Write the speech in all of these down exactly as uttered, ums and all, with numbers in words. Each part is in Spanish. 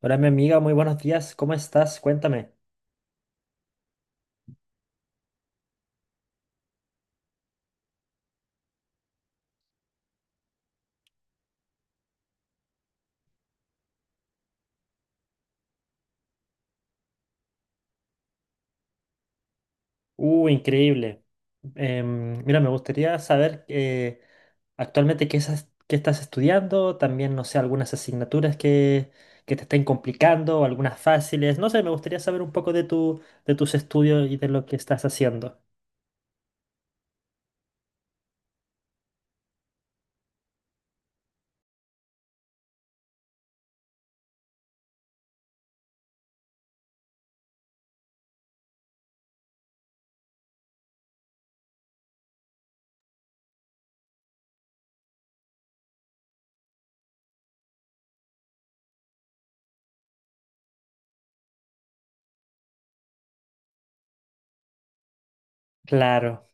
Hola, mi amiga, muy buenos días. ¿Cómo estás? Cuéntame. Uh, increíble. Em, mira, me gustaría saber eh, actualmente qué, esas- qué estás estudiando. También, no sé, algunas asignaturas que, que te estén complicando, algunas fáciles. No sé, me gustaría saber un poco de tu, de tus estudios y de lo que estás haciendo. Claro,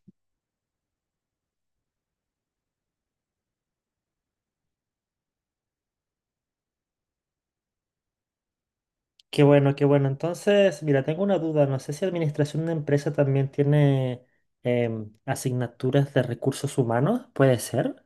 qué bueno, qué bueno. Entonces, mira, tengo una duda. No sé si administración de empresa también tiene em, asignaturas de recursos humanos, ¿puede ser?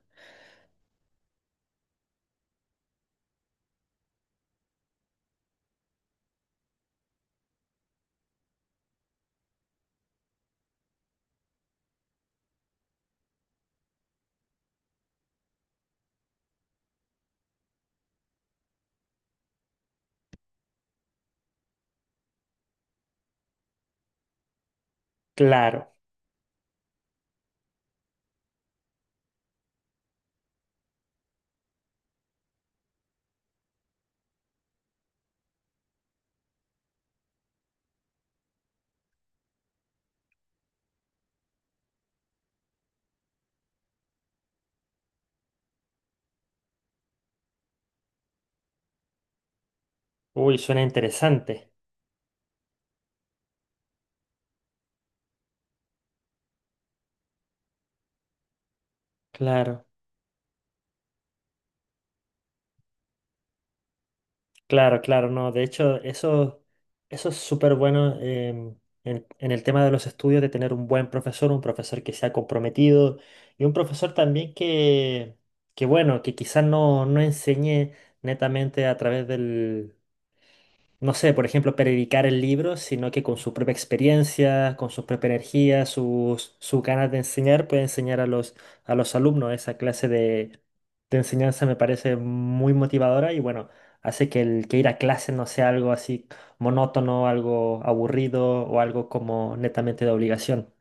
Claro. Uy, suena interesante. Claro, claro, claro, no. De hecho, eso, eso es súper bueno em, en, en el tema de los estudios, de tener un buen profesor, un profesor que sea comprometido y un profesor también que, que bueno, que quizás no, no enseñe netamente a través del, no sé, por ejemplo, predicar el libro, sino que con su propia experiencia, con su propia energía, sus, sus ganas de enseñar, puede enseñar a los, a los alumnos. Esa clase de, de enseñanza me parece muy motivadora y bueno, hace que el que ir a clase no sea algo así monótono, algo aburrido o algo como netamente de obligación.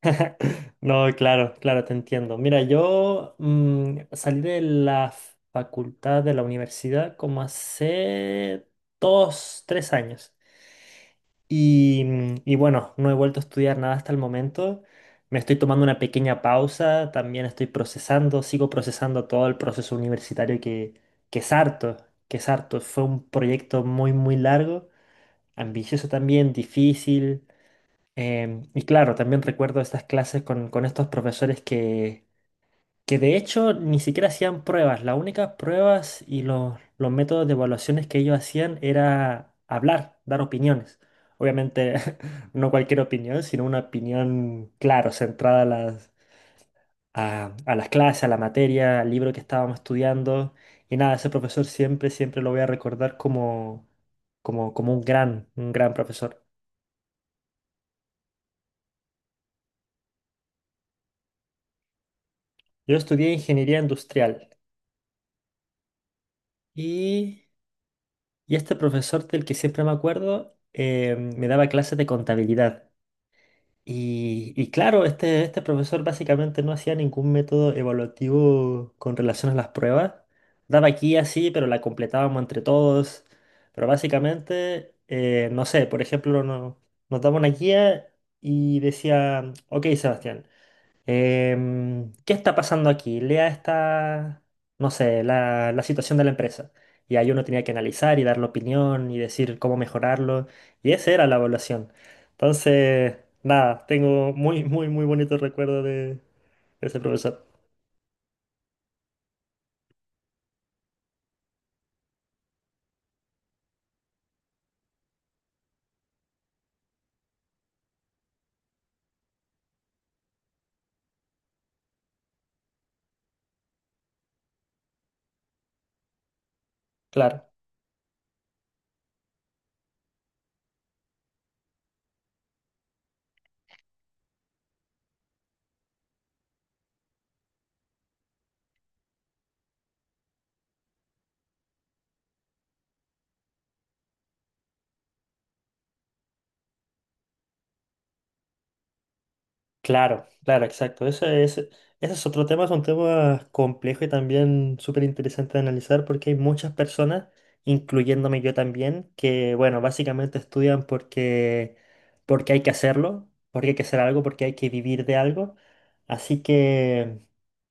No, claro, claro, te entiendo. Mira, yo mm, salí de la facultad de la universidad como hace dos, tres años. Y, y bueno, no he vuelto a estudiar nada hasta el momento. Me estoy tomando una pequeña pausa, también estoy procesando, sigo procesando todo el proceso universitario que, que es harto, que es harto. Fue un proyecto muy, muy largo, ambicioso también, difícil. Em, y claro, también recuerdo estas clases con, con estos profesores que que de hecho ni siquiera hacían pruebas. Las únicas pruebas y los, los métodos de evaluaciones que ellos hacían era hablar, dar opiniones. Obviamente no cualquier opinión, sino una opinión, claro, centrada a las, a, a las clases, a la materia, al libro que estábamos estudiando. Y nada, ese profesor siempre, siempre lo voy a recordar como, como, como un gran, un gran profesor. Yo estudié ingeniería industrial y... Y este profesor del que siempre me acuerdo eh, me daba clases de contabilidad. Y, y claro, este, este profesor básicamente no hacía ningún método evaluativo con relación a las pruebas. Daba aquí así, pero la completábamos entre todos. Pero básicamente, eh, no sé, por ejemplo, no- nos daba una guía y decía, ok, Sebastián. Em, ¿qué está pasando aquí? Lea esta, no sé, la, la situación de la empresa. Y ahí uno tenía que analizar y dar la opinión y decir cómo mejorarlo. Y esa era la evaluación. Entonces, nada, tengo muy, muy, muy bonito recuerdo de de ese profesor. Claro. Claro, claro, exacto. Ese, ese, ese es otro tema, es un tema complejo y también súper interesante de analizar porque hay muchas personas, incluyéndome yo también, que, bueno, básicamente estudian porque, porque hay que hacerlo, porque hay que hacer algo, porque hay que vivir de algo. Así que,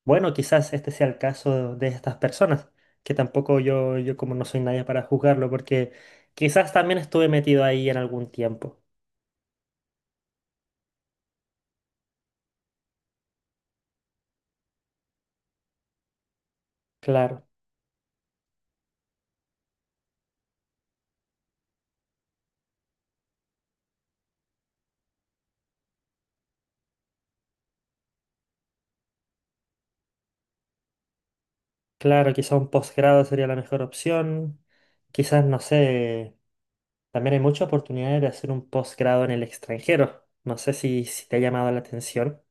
bueno, quizás este sea el caso de estas personas, que tampoco yo, yo como no soy nadie para juzgarlo, porque quizás también estuve metido ahí en algún tiempo. Claro. Claro, quizá un posgrado sería la mejor opción. Quizás, no sé, también hay muchas oportunidades de hacer un posgrado en el extranjero. No sé si, si te ha llamado la atención.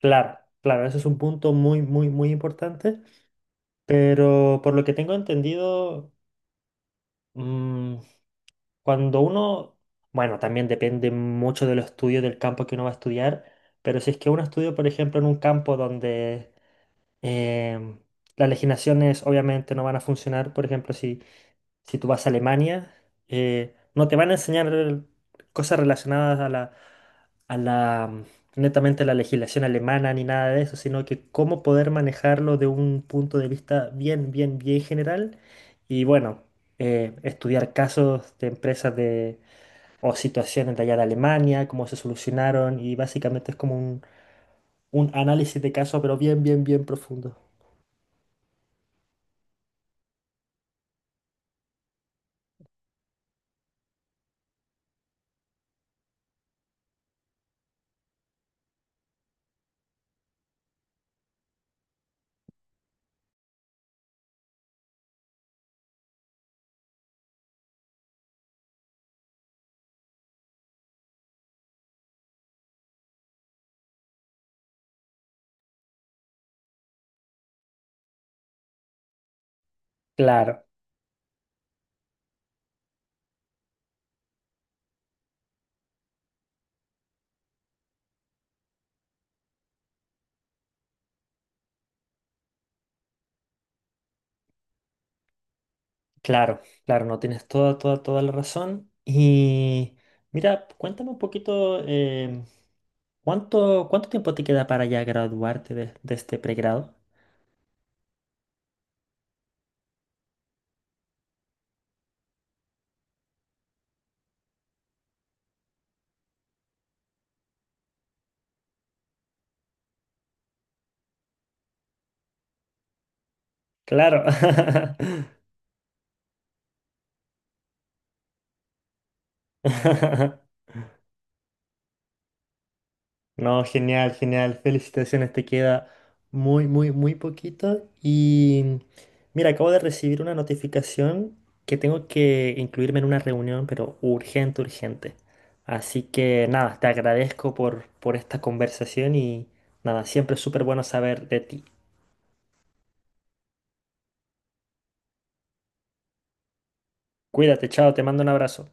Claro, claro, eso es un punto muy, muy, muy importante. Pero por lo que tengo entendido, mm, cuando uno, bueno, también depende mucho de los estudios del campo que uno va a estudiar, pero si es que uno estudia, por ejemplo, en un campo donde em, las legislaciones obviamente no van a funcionar, por ejemplo, si si tú vas a Alemania, eh, no te van a enseñar cosas relacionadas a la, a la, mm, netamente a la legislación alemana ni nada de eso, sino que cómo poder manejarlo de un punto de vista bien, bien, bien general. Y bueno, eh, estudiar casos de empresas de, o situaciones de allá de Alemania, cómo se solucionaron, y básicamente es como un, un análisis de caso, pero bien, bien, bien profundo. Claro. Claro, claro, no tienes toda, toda, toda la razón. Y mira, cuéntame un poquito, em, ¿cuánto, cuánto tiempo te queda para ya graduarte de, de este pregrado? Claro. No, genial, genial. Felicitaciones, te queda muy, muy, muy poquito. Y mira, acabo de recibir una notificación que tengo que incluirme en una reunión, pero urgente, urgente. Así que nada, te agradezco por, por esta conversación y nada, siempre es súper bueno saber de ti. Cuídate, chao, te mando un abrazo.